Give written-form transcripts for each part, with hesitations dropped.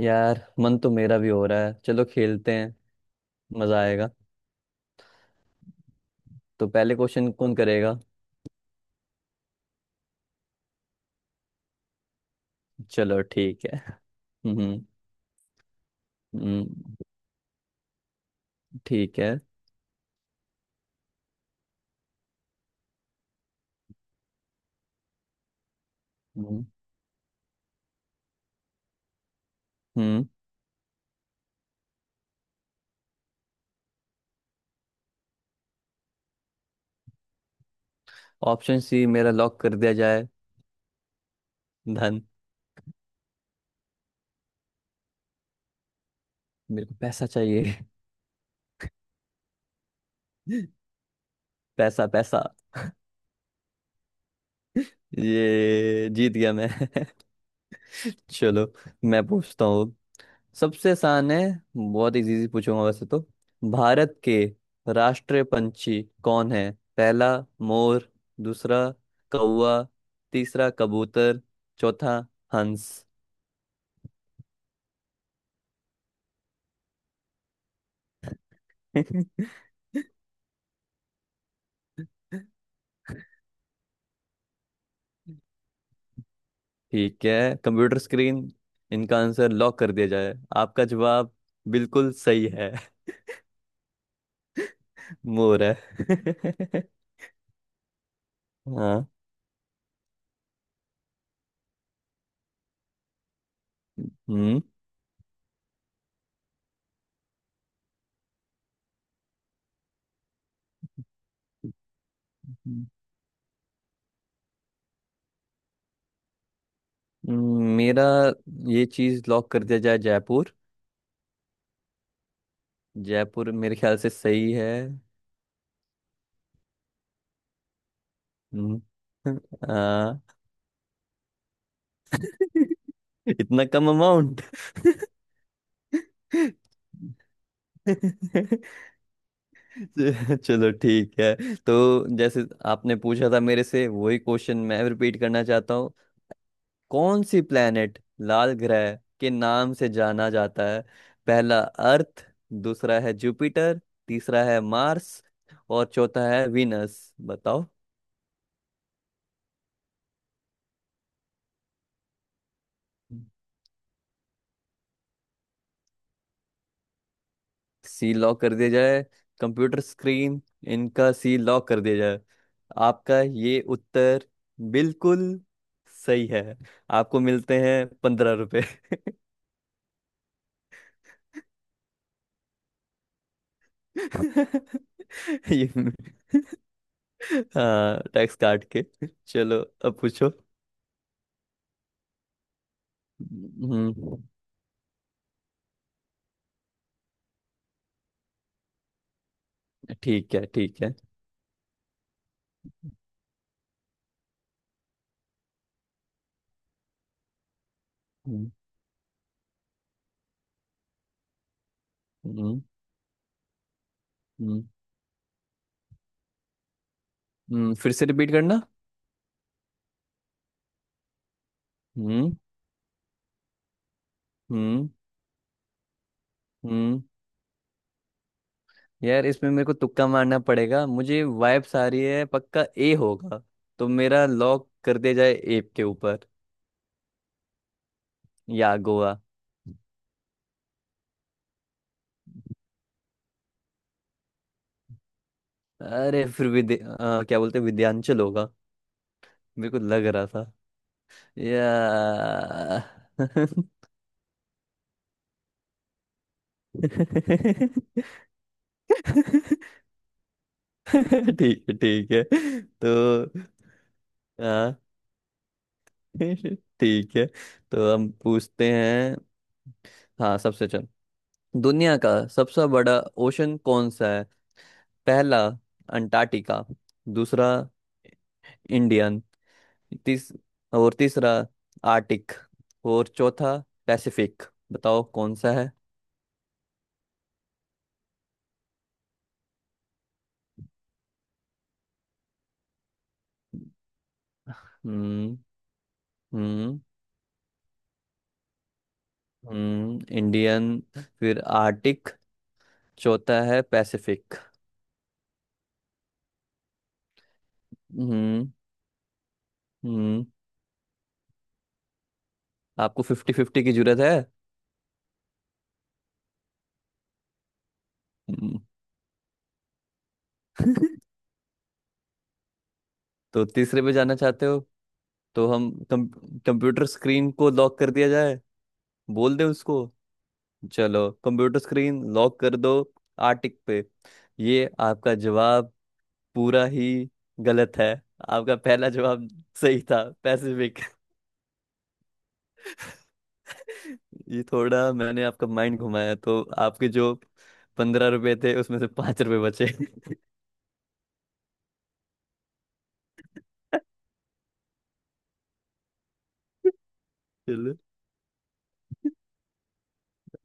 यार, मन तो मेरा भी हो रहा है। चलो खेलते हैं। मजा आएगा। तो पहले क्वेश्चन कौन करेगा? चलो ठीक है। हम्म। हम्म। ठीक है। हम्म। हम्म। ऑप्शन सी मेरा लॉक कर दिया जाए। धन। मेरे को पैसा चाहिए। पैसा, पैसा। ये जीत गया मैं। चलो, मैं पूछता हूँ। सबसे आसान है। बहुत इजी इजी पूछूंगा वैसे तो। भारत के राष्ट्रीय पंछी कौन है? पहला, मोर। दूसरा, कौवा। तीसरा, कबूतर। चौथा, हंस। ठीक है, कंप्यूटर स्क्रीन, इनका आंसर लॉक कर दिया जाए। आपका जवाब बिल्कुल सही है। मोर है। हाँ। हम्म। हम्म। मेरा ये चीज लॉक कर दिया जाए। जयपुर। जयपुर मेरे ख्याल से सही है। हम्म। आ, इतना कम अमाउंट। चलो ठीक है, तो जैसे आपने पूछा था मेरे से, वही क्वेश्चन मैं रिपीट करना चाहता हूँ। कौन सी प्लेनेट लाल ग्रह के नाम से जाना जाता है? पहला, अर्थ। दूसरा है जुपिटर। तीसरा है मार्स। और चौथा है विनस। बताओ। सी लॉक कर दिया जाए। कंप्यूटर स्क्रीन, इनका सी लॉक कर दिया जाए। आपका ये उत्तर बिल्कुल सही है। आपको मिलते हैं 15 रुपए। ये, हाँ, टैक्स काट के। चलो, अब पूछो। हम्म। ठीक है ठीक है। हम्म। हम्म। हम्म, फिर से रिपीट करना। हम्म। हम्म। हम्म। यार, इसमें मेरे को तुक्का मारना पड़ेगा। मुझे वाइब्स आ रही है, पक्का ए होगा। तो मेरा लॉक कर दिया जाए, ए के ऊपर। या गोवा। अरे, फिर क्या बोलते हैं, विद्यांचल होगा। मेरे को लग रहा था, या। ठीक है ठीक है, तो हाँ। ठीक है। तो हम पूछते हैं। हाँ, सबसे चल। दुनिया का सबसे बड़ा ओशन कौन सा है? पहला, अंटार्कटिका। दूसरा, इंडियन। तीस और तीसरा, आर्टिक। और चौथा, पैसिफिक। बताओ, कौन सा है? हम्म। हम्म। इंडियन। फिर आर्टिक। चौथा है पैसिफिक। हम्म। हम्म। आपको फिफ्टी फिफ्टी की जरूरत है? हम्म। तो तीसरे पे जाना चाहते हो? तो हम, कंप्यूटर स्क्रीन को लॉक कर दिया जाए। बोल दे उसको। चलो, कंप्यूटर स्क्रीन लॉक कर दो। आर्टिक पे। ये आपका जवाब पूरा ही गलत है। आपका पहला जवाब सही था, पैसिफिक। ये थोड़ा मैंने आपका माइंड घुमाया, तो आपके जो 15 रुपए थे, उसमें से 5 रुपए बचे। चलो।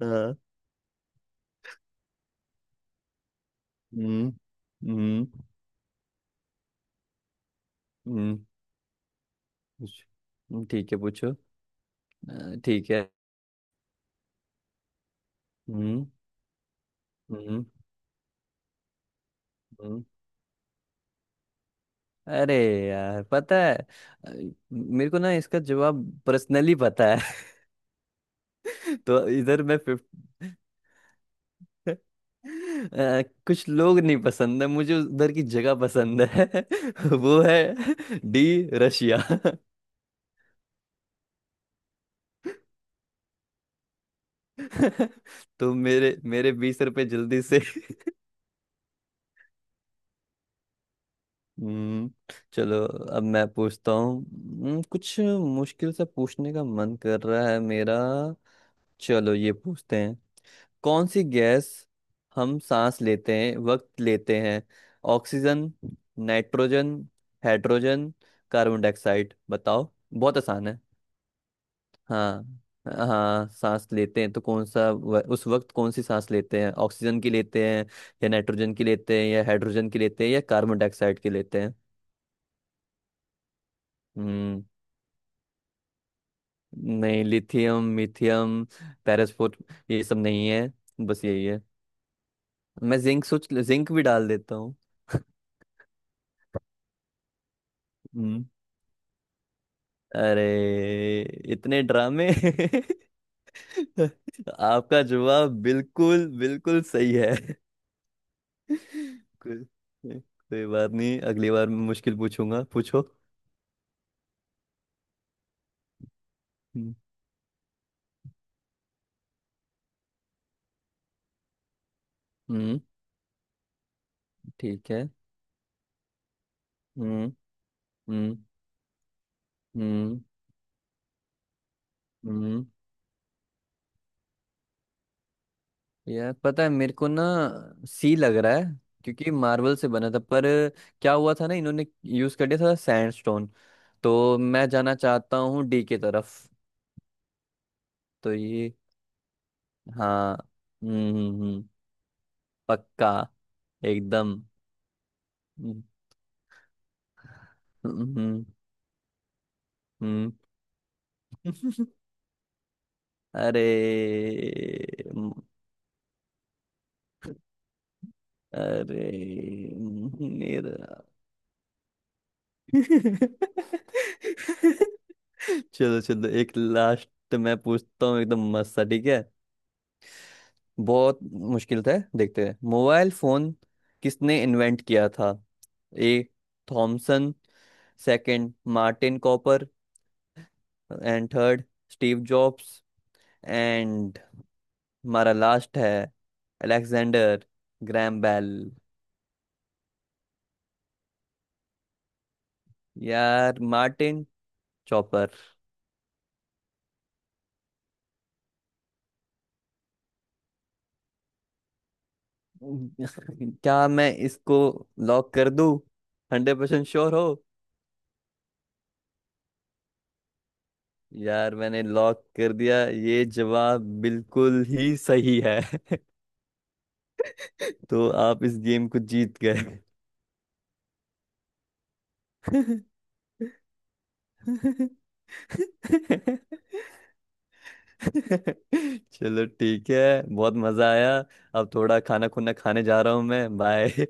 हाँ। हम्म हम्म हम्म, पूछ- ठीक है पूछो अ, ठीक है हम्म हम्म हम्म अरे यार पता है अ, मेरे को ना इसका जवाब पर्सनली पता है तो इधर मैं फिफ्थ अ, कुछ लोग नहीं पसंद है मुझे उधर की जगह पसंद है वो है डी रशिया तो मेरे मेरे 20 रुपए जल्दी से हम्म, चलो, अब मैं पूछता हूँ। कुछ मुश्किल से पूछने का मन कर रहा है मेरा। चलो, ये पूछते हैं। कौन सी गैस हम सांस लेते हैं, वक्त लेते हैं? Oxygen, nitrogen, hydrogen, carbon dioxide. बताओ, बहुत आसान है। हाँ, हाँ, सांस लेते हैं तो उस वक्त कौन सी सांस लेते हैं? ऑक्सीजन की लेते हैं, या नाइट्रोजन की लेते हैं, या हाइड्रोजन की लेते हैं, या कार्बन डाइऑक्साइड की लेते हैं? हम्म नहीं, लिथियम मिथियम, पैरासफोर, ये सब नहीं है। बस यही है। मैं जिंक सोच, जिंक भी डाल देता हूँ। हम्म। अरे, इतने ड्रामे। आपका जवाब बिल्कुल बिल्कुल सही है। कोई कोई बात नहीं, अगली बार मैं मुश्किल पूछूंगा, पूछो। हम्म। हम्म, ठीक है। हम्म। हम्म। हम्म। हम्म। यार, पता है मेरे को ना, सी लग रहा है। क्योंकि मार्बल से बना था, पर क्या हुआ था ना, इन्होंने यूज कर दिया था सैंडस्टोन। तो मैं जाना चाहता हूँ डी के तरफ। तो ये, हाँ। हम्म। हम्म। पक्का। एकदम। हम्म। हम्म। हम्म। अरे, म- अरे, मेरा। चलो चलो, एक लास्ट मैं पूछता हूँ, एकदम मस्त सा, ठीक है। बहुत मुश्किल था, देखते हैं। मोबाइल फोन किसने इन्वेंट किया था? A, Thomson. Second, Martin Copper. And third, Steve Jobs. And हमारा लास्ट है, अलेक्जेंडर ग्रैम बेल। यार, मार्टिन चॉपर। क्या मैं इसको लॉक कर दूं? 100% श्योर हो? यार, मैंने लॉक कर दिया, ये जवाब बिल्कुल ही सही है। तो आप इस गेम को जीत गए। चलो, ठीक है, बहुत मजा आया। अब थोड़ा खाना खुना खाने जा रहा हूँ मैं। बाय।